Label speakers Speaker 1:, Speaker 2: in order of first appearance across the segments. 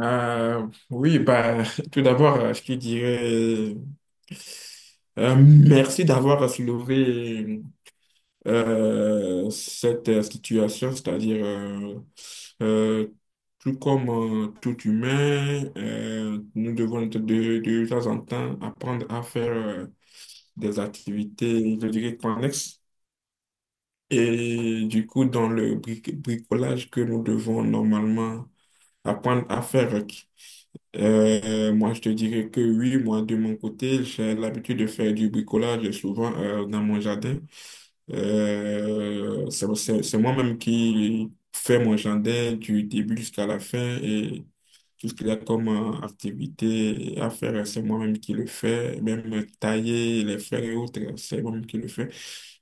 Speaker 1: Oui, bah, tout d'abord, je te dirais merci d'avoir soulevé cette situation, c'est-à-dire euh, tout comme tout humain, nous devons de temps en temps apprendre à faire des activités, je dirais, connexes. Et du coup, dans le bricolage que nous devons normalement apprendre à faire. Moi, je te dirais que oui, moi, de mon côté, j'ai l'habitude de faire du bricolage souvent dans mon jardin. Euh, c'est moi-même qui fais mon jardin du début jusqu'à la fin et tout ce qu'il y a comme activité à faire, c'est moi-même qui le fais. Même tailler les fleurs et autres, c'est moi-même qui le fais.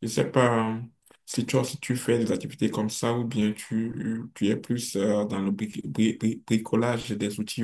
Speaker 1: Je sais pas si toi, si tu fais des activités comme ça ou bien tu es plus dans le bricolage des outils.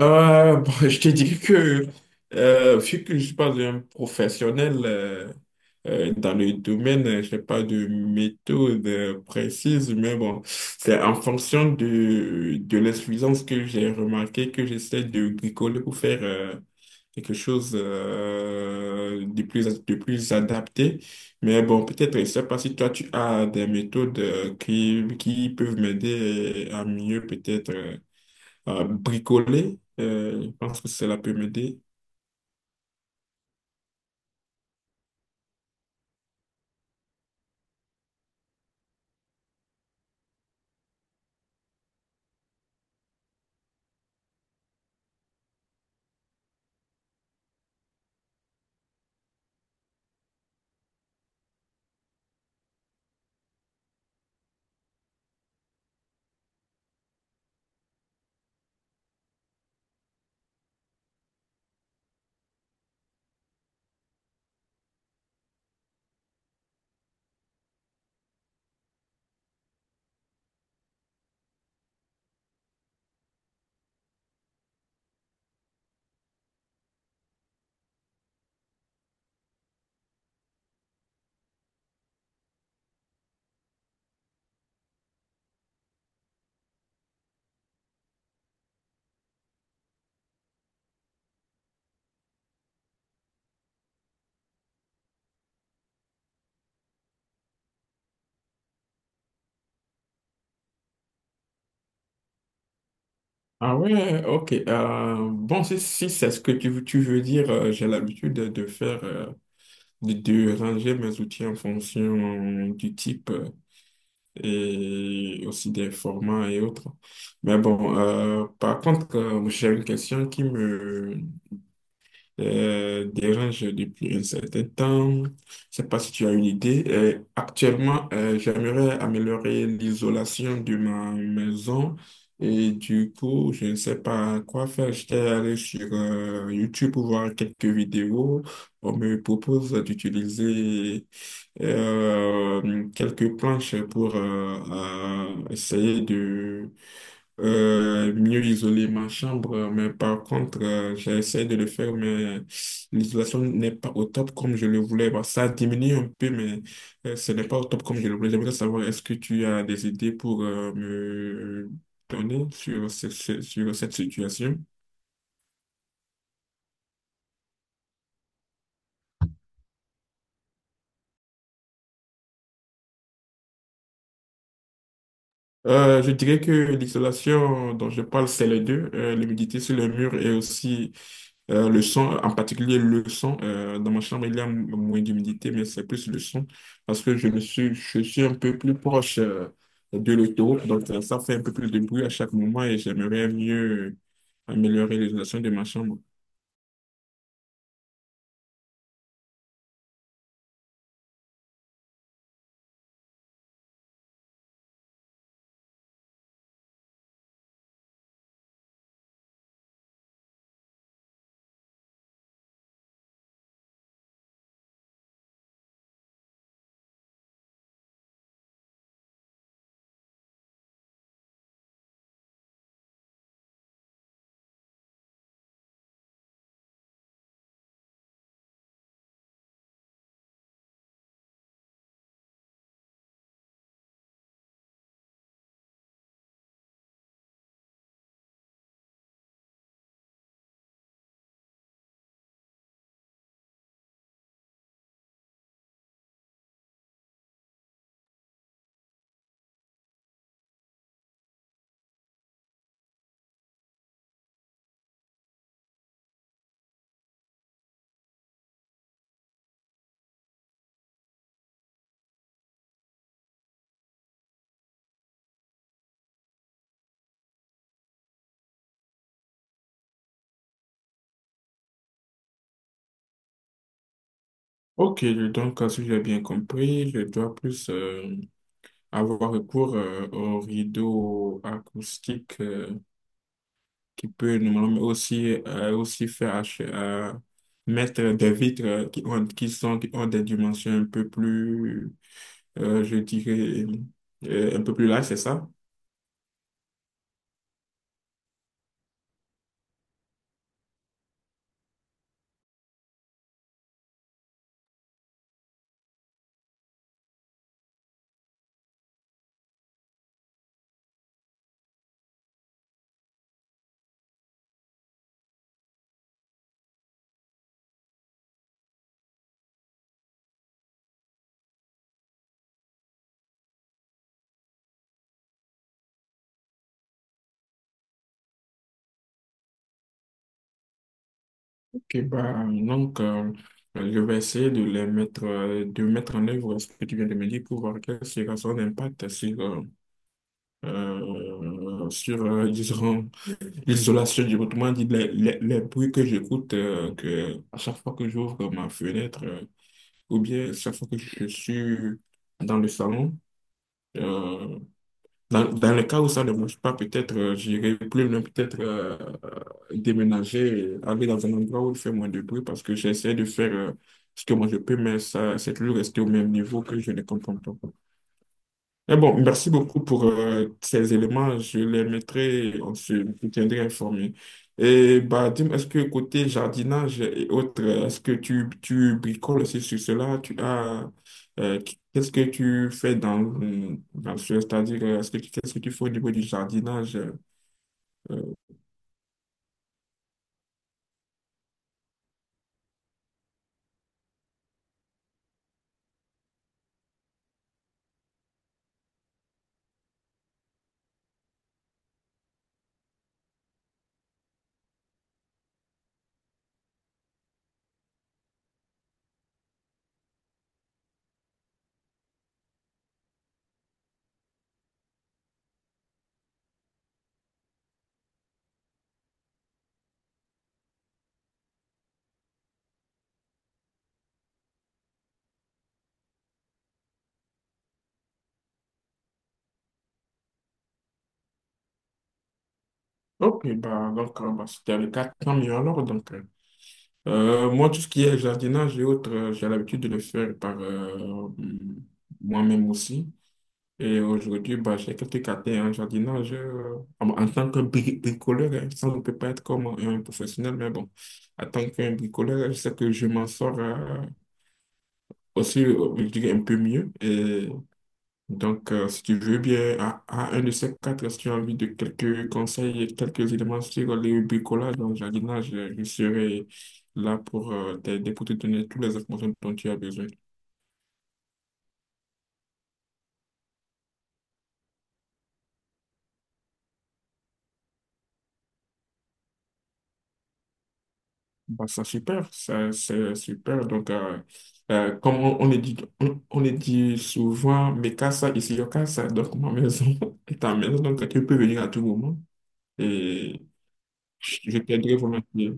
Speaker 1: Bon, je te dis que, vu que je suis pas un professionnel dans le domaine, je n'ai pas de méthode précise, mais bon, c'est en fonction de l'insuffisance que j'ai remarqué que j'essaie de bricoler pour faire quelque chose de plus adapté. Mais bon, peut-être, je ne sais pas si toi, tu as des méthodes qui peuvent m'aider à mieux peut-être bricoler. Je pense que cela peut m'aider. Ah ouais, ok. Bon, si, si c'est ce que tu veux dire, j'ai l'habitude de faire, de ranger mes outils en fonction du type et aussi des formats et autres. Mais bon, par contre, j'ai une question qui me, dérange depuis un certain temps. Je ne sais pas si tu as une idée. Actuellement, j'aimerais améliorer l'isolation de ma maison et du coup, je ne sais pas quoi faire. J'étais allé sur YouTube pour voir quelques vidéos. On me propose d'utiliser quelques planches pour essayer de mieux isoler ma chambre, mais par contre, j'essaie de le faire, mais l'isolation n'est pas au top comme je le voulais. Bah, ça diminue un peu, mais ce n'est pas au top comme je le voulais. J'aimerais savoir, est-ce que tu as des idées pour me donner sur, sur cette situation? Je dirais que l'isolation dont je parle, c'est les deux, l'humidité sur le mur et aussi le son, en particulier le son. Dans ma chambre, il y a moins d'humidité, mais c'est plus le son parce que je suis un peu plus proche de l'autoroute, donc ça fait un peu plus de bruit à chaque moment et j'aimerais mieux améliorer l'isolation de ma chambre. Ok, donc si j'ai bien compris, je dois plus avoir recours aux rideaux acoustiques qui peut normalement aussi, aussi faire mettre des vitres qui ont, qui sont, qui ont des dimensions un peu plus, je dirais, un peu plus larges, c'est ça? Ok, bah, donc, je vais essayer de les mettre, de mettre en œuvre ce que tu viens de me dire pour voir quel sera son impact sur, sur disons, l'isolation, du autrement dit, les bruits que j'écoute, que à chaque fois que j'ouvre ma fenêtre, ou bien chaque fois que je suis dans le salon, euh, dans, dans le cas où ça ne marche pas, peut-être j'irai plus loin, peut-être euh, déménager, aller dans un endroit où il fait moins de bruit, parce que j'essaie de faire ce que moi je peux, mais ça, c'est toujours rester au même niveau que je ne comprends pas. Mais bon, merci beaucoup pour ces éléments. Je les mettrai, on se je tiendrai informé. Et bah, dis-moi, est-ce que côté jardinage et autres, est-ce que tu bricoles aussi sur cela? Tu as, euh, qu'est-ce que tu fais dans, dans ce, c'est-à-dire, est-ce que, qu'est-ce que tu fais au niveau du jardinage? euh, Ok, bah, donc, bah, c'était le cas, tant mieux alors. Donc, moi, tout ce qui est jardinage et autres, j'ai l'habitude de le faire par moi-même aussi. Et aujourd'hui, bah, j'ai quelques caté en jardinage en, en tant que bricoleur. Hein. Ça, on ne peut pas être comme un professionnel, mais bon, en tant qu'un bricoleur, je sais que je m'en sors aussi, je dirais, un peu mieux. Et donc, si tu veux bien, à un de ces quatre, si tu as envie de quelques conseils, et quelques éléments sur le bricolage dans le jardinage, je serai là pour t'aider, pour te donner toutes les informations dont tu as besoin. Bah, ça, super, ça, c'est super. Donc, comme on le dit, on le dit souvent, mes casa ici, yo casa, donc ma maison est ta maison, donc tu peux venir à tout moment et je t'aiderai volontiers.